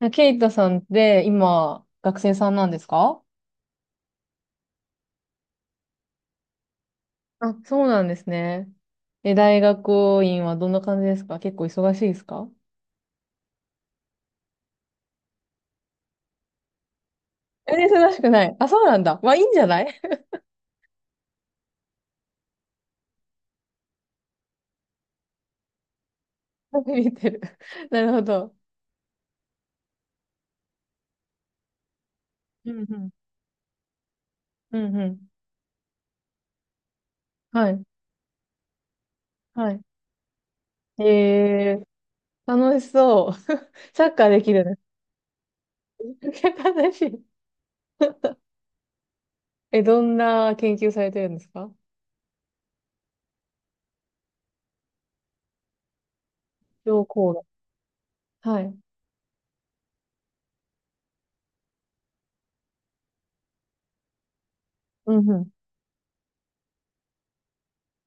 あ、ケイタさんって今、学生さんなんですか？あ、そうなんですね。え、大学院はどんな感じですか？結構忙しいですか？え、忙しくない。あ、そうなんだ。まあ、いいんじゃない。 見てる。なるほど。うんうん。うんうん。はい。はい。えー、楽しそう。サッカーできるね。楽しい。え、どんな研究されてるんですか？情報が。はい。うんう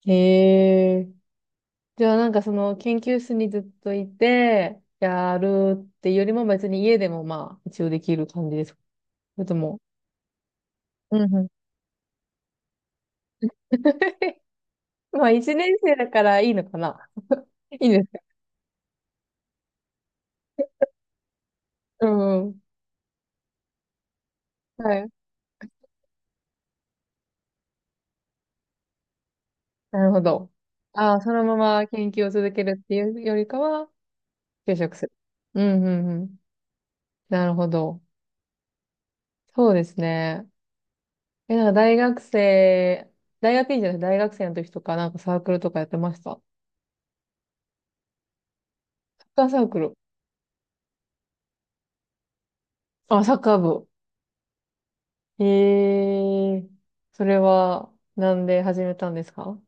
ん。へえ。じゃあなんかその研究室にずっといて、やるっていうよりも別に家でもまあ一応できる感じですか？それとも、うんうん。まあ一年生だからいいのかな？いいんですか？うんうん。はい。なるほど。ああ、そのまま研究を続けるっていうよりかは、就職する。うんうんうん。なるほど。そうですね。え、なんか大学生、大学院じゃない、大学生の時とかなんかサークルとかやってました？サッカーサークル。あ、サッカー部。ええー、それは、なんで始めたんですか？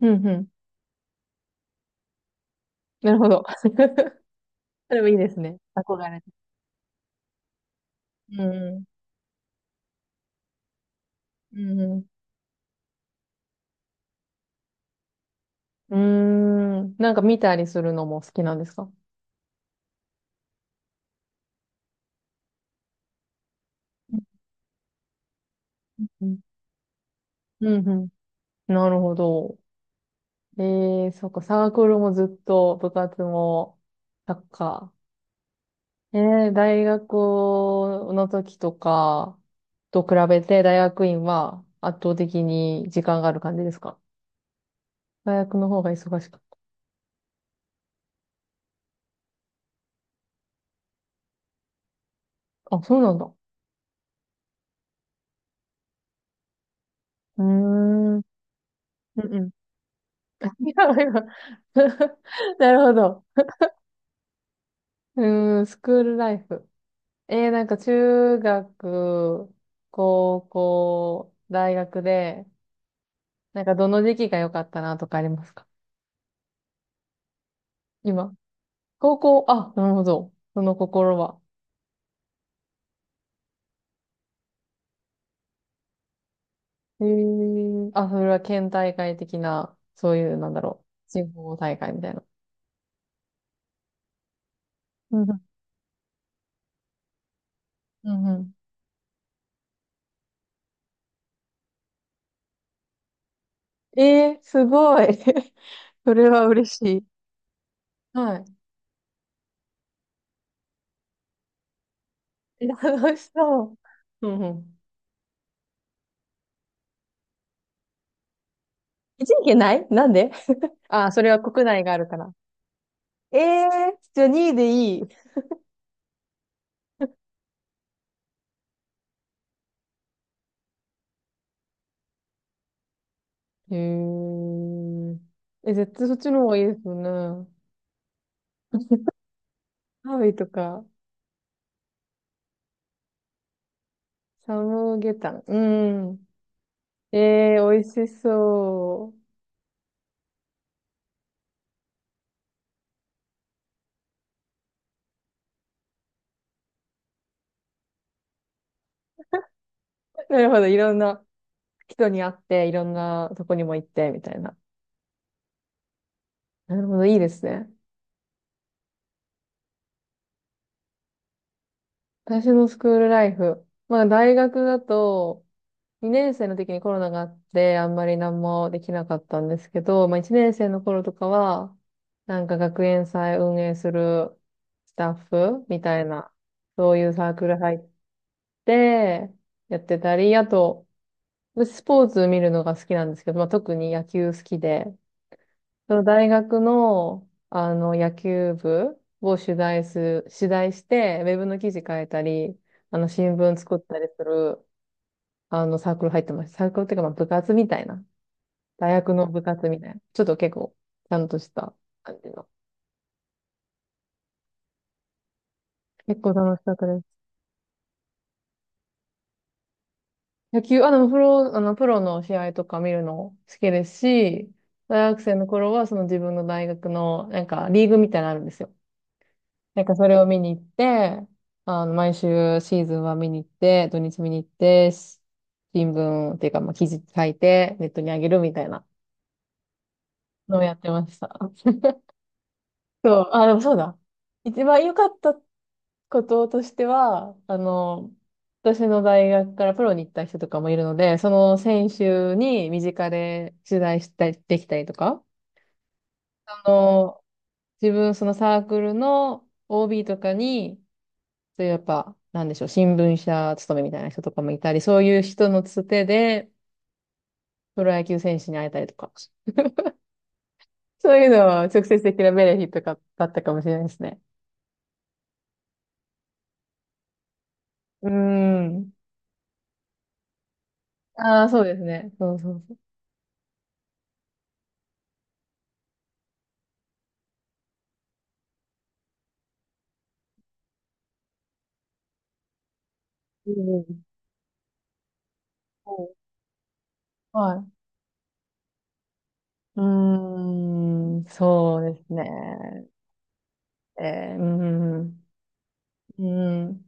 うんうん。なるほど。それもいいですね。憧れて。うんうん。うんうん。うーん。なんか見たりするのも好きなんですか？うんうん。うん。なるほど。ええ、そっか、サークルもずっと、部活も、サッカー。ええ、大学の時とかと比べて、大学院は圧倒的に時間がある感じですか？大学の方が忙しく。あ、そうなんだ。うーん。うんうん。いや、今 なるほど。うーん、スクールライフ。えー、なんか中学、高校、大学で、なんかどの時期が良かったなとかありますか？今。高校、あ、なるほど。その心は。えー、あ、それは県大会的な、そういう、なんだろう。地方大会みたいな。うんうん。うんうん。えー、すごい。それは嬉しい。はい。楽しそう。うんうん。一時期ないなんで？ああー、それは国内があるから。ええー、じゃあ2位でいい。へえ。え、絶対そっちの方がいいですよね。ハーイとか、サムゲタン。うん。ええー、美味しそう。なるほど。いろんな人に会って、いろんなとこにも行って、みたいな。なるほど。いいですね。私のスクールライフ。まあ、大学だと、2年生の時にコロナがあって、あんまり何もできなかったんですけど、まあ、1年生の頃とかは、なんか学園祭運営するスタッフみたいな、そういうサークル入ってやってたり、あと、私スポーツ見るのが好きなんですけど、まあ、特に野球好きで、その大学の、野球部を取材して、ウェブの記事書いたり、新聞作ったりする、サークル入ってました。サークルっていうか、まあ、部活みたいな。大学の部活みたいな。ちょっと結構、ちゃんとした感じの。結構楽しかったです。野球、あ、でも、プロ、プロの試合とか見るの好きですし、大学生の頃は、その自分の大学の、なんか、リーグみたいなのあるんですよ。なんかそれを見に行って、毎週シーズンは見に行って、土日見に行って、し新聞っていうか、まあ、記事書いて、ネットにあげるみたいなのをやってました。そう、あ、でもそうだ。一番良かったこととしては、私の大学からプロに行った人とかもいるので、その選手に身近で取材したりできたりとか、あの、自分そのサークルの OB とかに、そういうやっぱ、なんでしょう、新聞社勤めみたいな人とかもいたり、そういう人のつてで、プロ野球選手に会えたりとか、そういうのは直接的なベネフィットがだったかもしれないですね。うーん。ああ、そうですね。そうそうそう。うんうんそうはい。うーん、そうですね。えー、うん、うん。うん。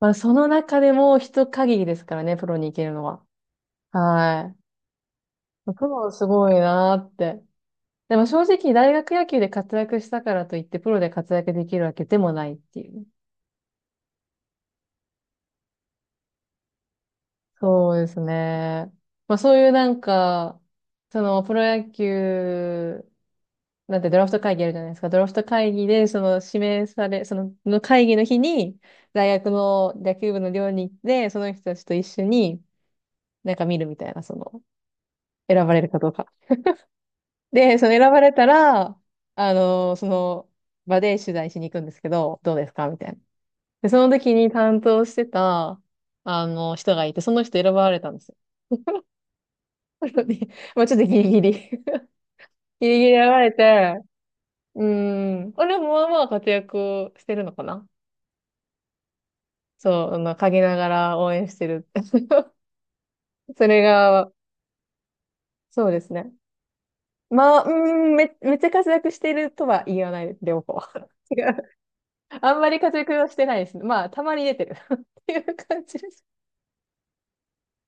まあ、その中でも人限りですからね、プロに行けるのは。はい。僕もすごいなーって。でも正直大学野球で活躍したからといってプロで活躍できるわけでもないっていう。そうですね。まあそういうなんか、そのプロ野球、なんてドラフト会議あるじゃないですか。ドラフト会議でその指名され、の会議の日に大学の野球部の寮に行って、その人たちと一緒になんか見るみたいな、選ばれるかどうか。で、その選ばれたら、その場で取材しに行くんですけど、どうですかみたいな。で、その時に担当してた、人がいて、その人選ばれたんですよ。なので、まあちょっとギリギリ ギリギリ選ばれて、うん。俺もまあまあ活躍をしてるのかな？そう、陰ながら応援してる。それが、そうですね。まあ、うん、めっちゃ活躍してるとは言わないです、両方。違う。あんまり活躍はしてないですね。まあ、たまに出てる っていう感じです。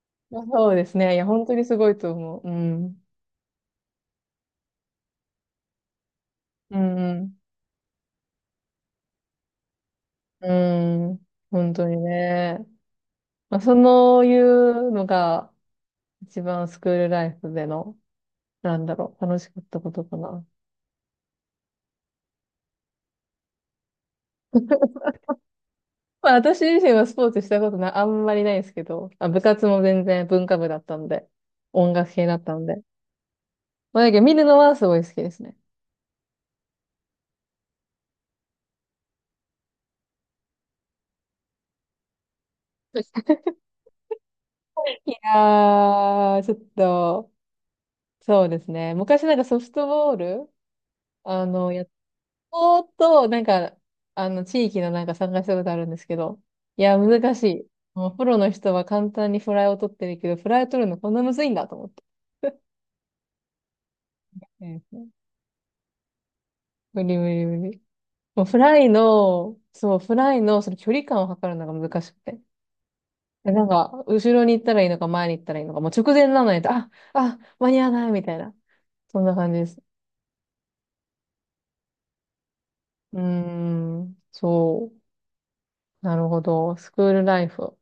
そうですね。いや、本当にすごいと思う。うん。うんうん。うん、本当にね。まあ、そういうのが一番スクールライフでの、なんだろう、楽しかったことかな。まあ私自身はスポーツしたことな、あんまりないんですけど、まあ、部活も全然文化部だったんで、音楽系だったんで。まあだけど見るのはすごい好きですね。いやー、ちょっと、そうですね。昔なんかソフトボール、やっぼーっと、なんか、地域のなんか参加したことあるんですけど、いや、難しい。もうプロの人は簡単にフライを取ってるけど、フライを取るのこんなむずいんだと思って。うん。無理無理無理。もうフライの、そう、フライのその距離感を測るのが難しくて。でなんか、後ろに行ったらいいのか、前に行ったらいいのか、もう直前なのに、あ、間に合わないみたいな。そんな感じです。うーん、そう。なるほど。スクールライフ。